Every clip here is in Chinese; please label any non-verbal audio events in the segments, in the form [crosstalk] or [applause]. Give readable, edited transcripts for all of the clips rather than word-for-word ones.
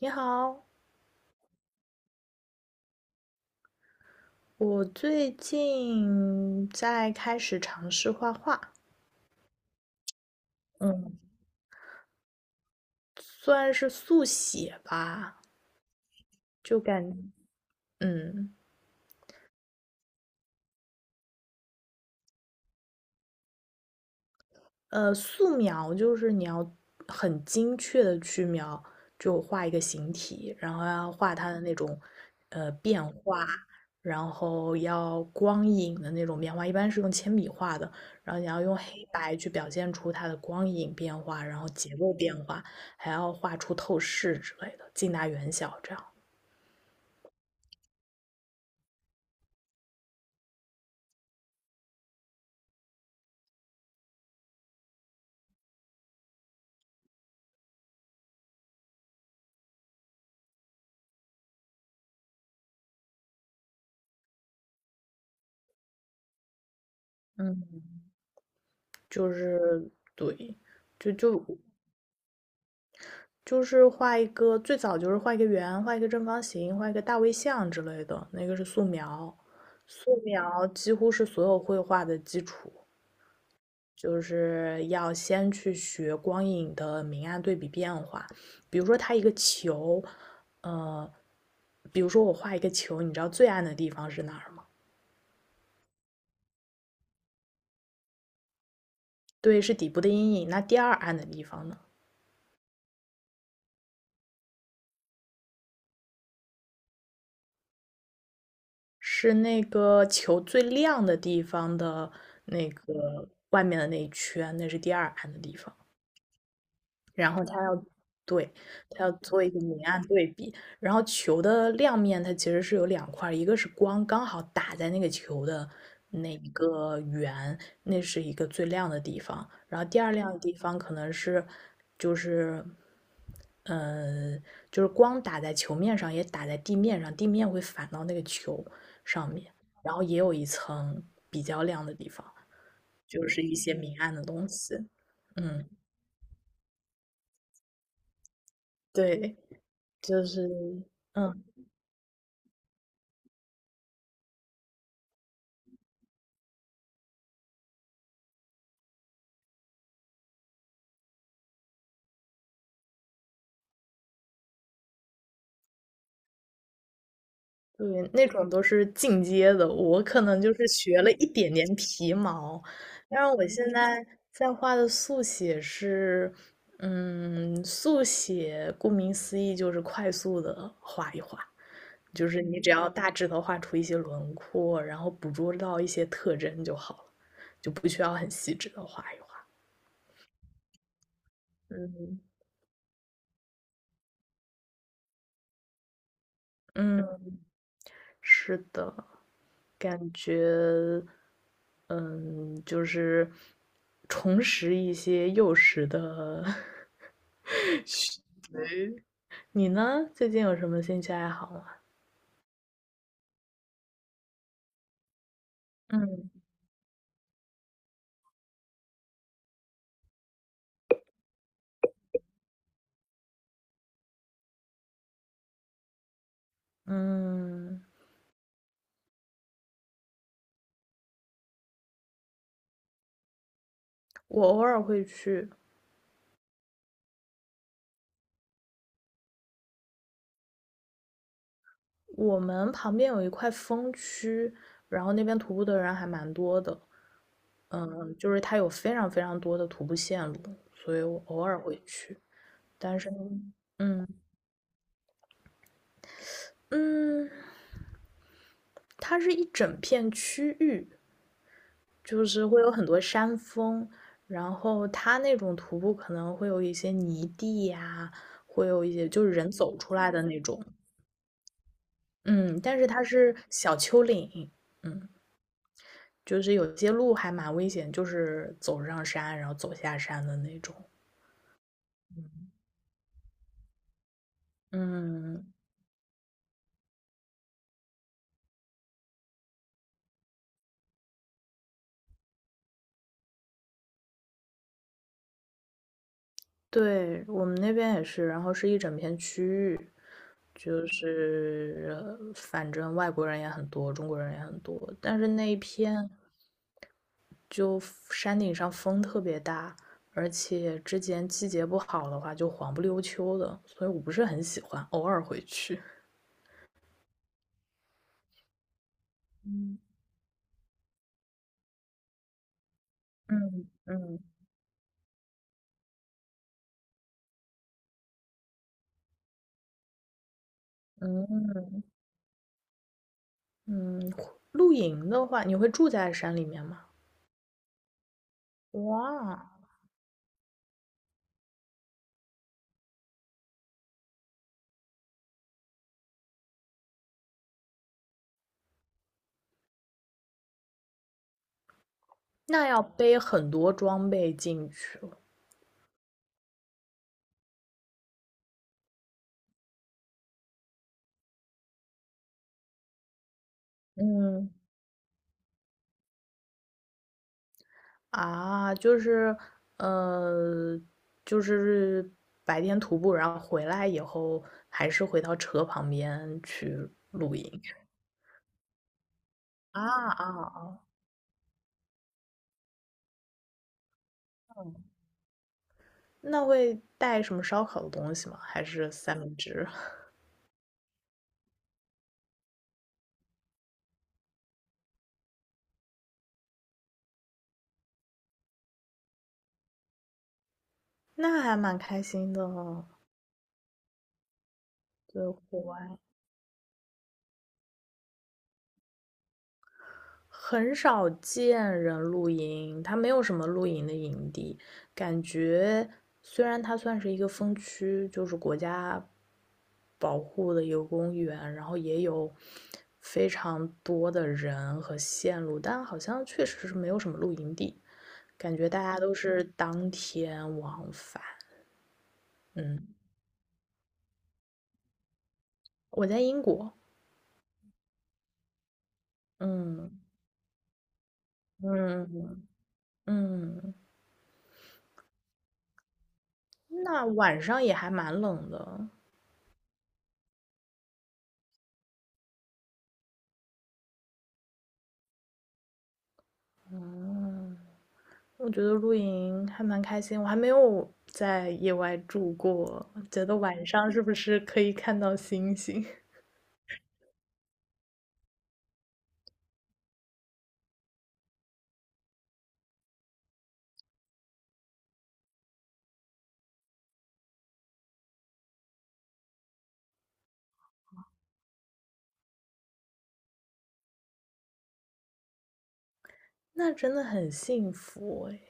你好，我最近在开始尝试画画。嗯，算是速写吧。就感，嗯，素描就是你要很精确的去描，就画一个形体，然后要画它的那种变化，然后要光影的那种变化，一般是用铅笔画的，然后你要用黑白去表现出它的光影变化，然后结构变化，还要画出透视之类的，近大远小这样。嗯，就是对。就就就是画一个，最早就是画一个圆，画一个正方形，画一个大卫像之类的，那个是素描。素描几乎是所有绘画的基础，就是要先去学光影的明暗对比变化。比如说，它一个球，呃，比如说我画一个球，你知道最暗的地方是哪儿吗？对，是底部的阴影。那第二暗的地方呢？是那个球最亮的地方的那个外面的那一圈，那是第二暗的地方。然后它要对它要做一个明暗对比，然后球的亮面它其实是有两块，一个是光刚好打在那个球的那一个圆，那是一个最亮的地方，然后第二亮的地方可能是就是呃就是光打在球面上，也打在地面上，地面会反到那个球上面，然后也有一层比较亮的地方，就是一些明暗的东西。嗯，对。就是，嗯，对，那种都是进阶的，我可能就是学了一点点皮毛，但是我现在在画的速写是，嗯，速写顾名思义就是快速的画一画，就是你只要大致的画出一些轮廓，然后捕捉到一些特征就好了，就不需要很细致的画一画。嗯嗯，是的，感觉。嗯，就是重拾一些幼时的 [laughs] 你呢？最近有什么兴趣爱好吗？嗯嗯，我偶尔会去。我们旁边有一块风区，然后那边徒步的人还蛮多的。嗯，就是它有非常非常多的徒步线路，所以我偶尔会去。但是呢，嗯嗯，它是一整片区域，就是会有很多山峰，然后它那种徒步可能会有一些泥地呀、会有一些就是人走出来的那种。嗯，但是它是小丘陵。嗯，就是有些路还蛮危险，就是走上山然后走下山的那种。嗯，对，我们那边也是，然后是一整片区域，就是反正外国人也很多，中国人也很多，但是那一片。就山顶上风特别大，而且之前季节不好的话就黄不溜秋的，所以我不是很喜欢，偶尔回去。嗯嗯嗯嗯嗯，露营的话，你会住在山里面吗？哇，那要背很多装备进去了。嗯啊，呃，就是白天徒步，然后回来以后还是回到车旁边去露营。啊啊啊！嗯那会带什么烧烤的东西吗？还是三明治？[laughs] 那还蛮开心的哦。对，户外很少见人露营，它没有什么露营的营地，感觉虽然它算是一个风区，就是国家保护的一个公园，然后也有非常多的人和线路，但好像确实是没有什么露营地，感觉大家都是当天往返。嗯。我在英国。嗯嗯嗯，那晚上也还蛮冷的。嗯，我觉得露营还蛮开心，我还没有在野外住过，觉得晚上是不是可以看到星星？[laughs] 那真的很幸福哎。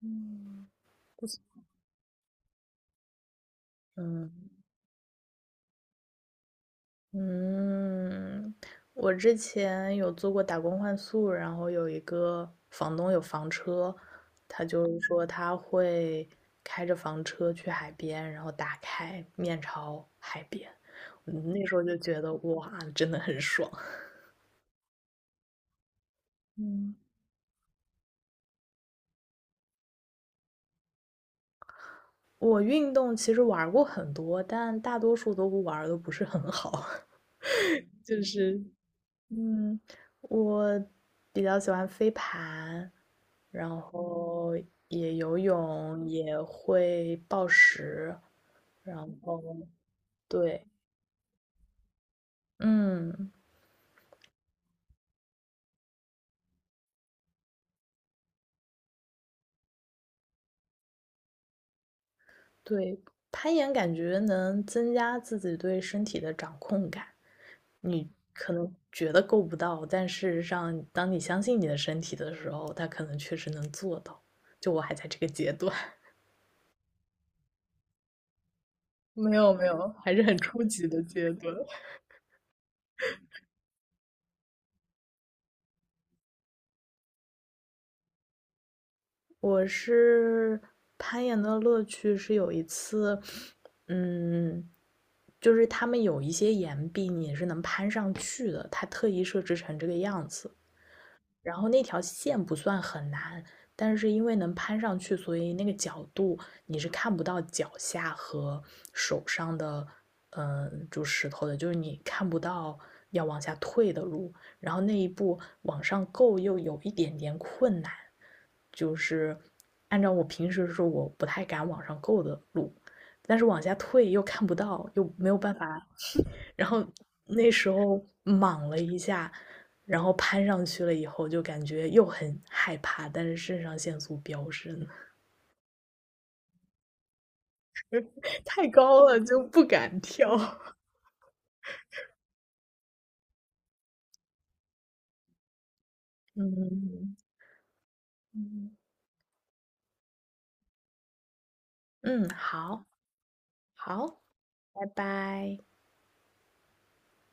嗯，不错。嗯。嗯，我之前有做过打工换宿，然后有一个房东有房车，他就是说他会开着房车去海边，然后打开面朝海边。嗯那时候就觉得哇，真的很爽。嗯，[laughs] 我运动其实玩儿过很多，但大多数都不玩儿的不是很好。[laughs] 就是，嗯，我比较喜欢飞盘，然后也游泳，也会暴食，然后对。嗯，对，攀岩感觉能增加自己对身体的掌控感。你可能觉得够不到，但事实上，当你相信你的身体的时候，它可能确实能做到。就我还在这个阶段，[laughs] 没有没有，还是很初级的阶段。[laughs] 我是攀岩的乐趣是有一次，嗯，就是他们有一些岩壁你也是能攀上去的，他特意设置成这个样子。然后那条线不算很难，但是因为能攀上去，所以那个角度你是看不到脚下和手上的。嗯，就石头的，就是你看不到要往下退的路。然后那一步往上够又有一点点困难，就是按照我平时说我不太敢往上够的路，但是往下退又看不到，又没有办法，然后那时候莽了一下，然后攀上去了以后，就感觉又很害怕，但是肾上腺素飙升。[laughs] 太高了就不敢跳。[laughs] 嗯嗯嗯，好好，拜拜。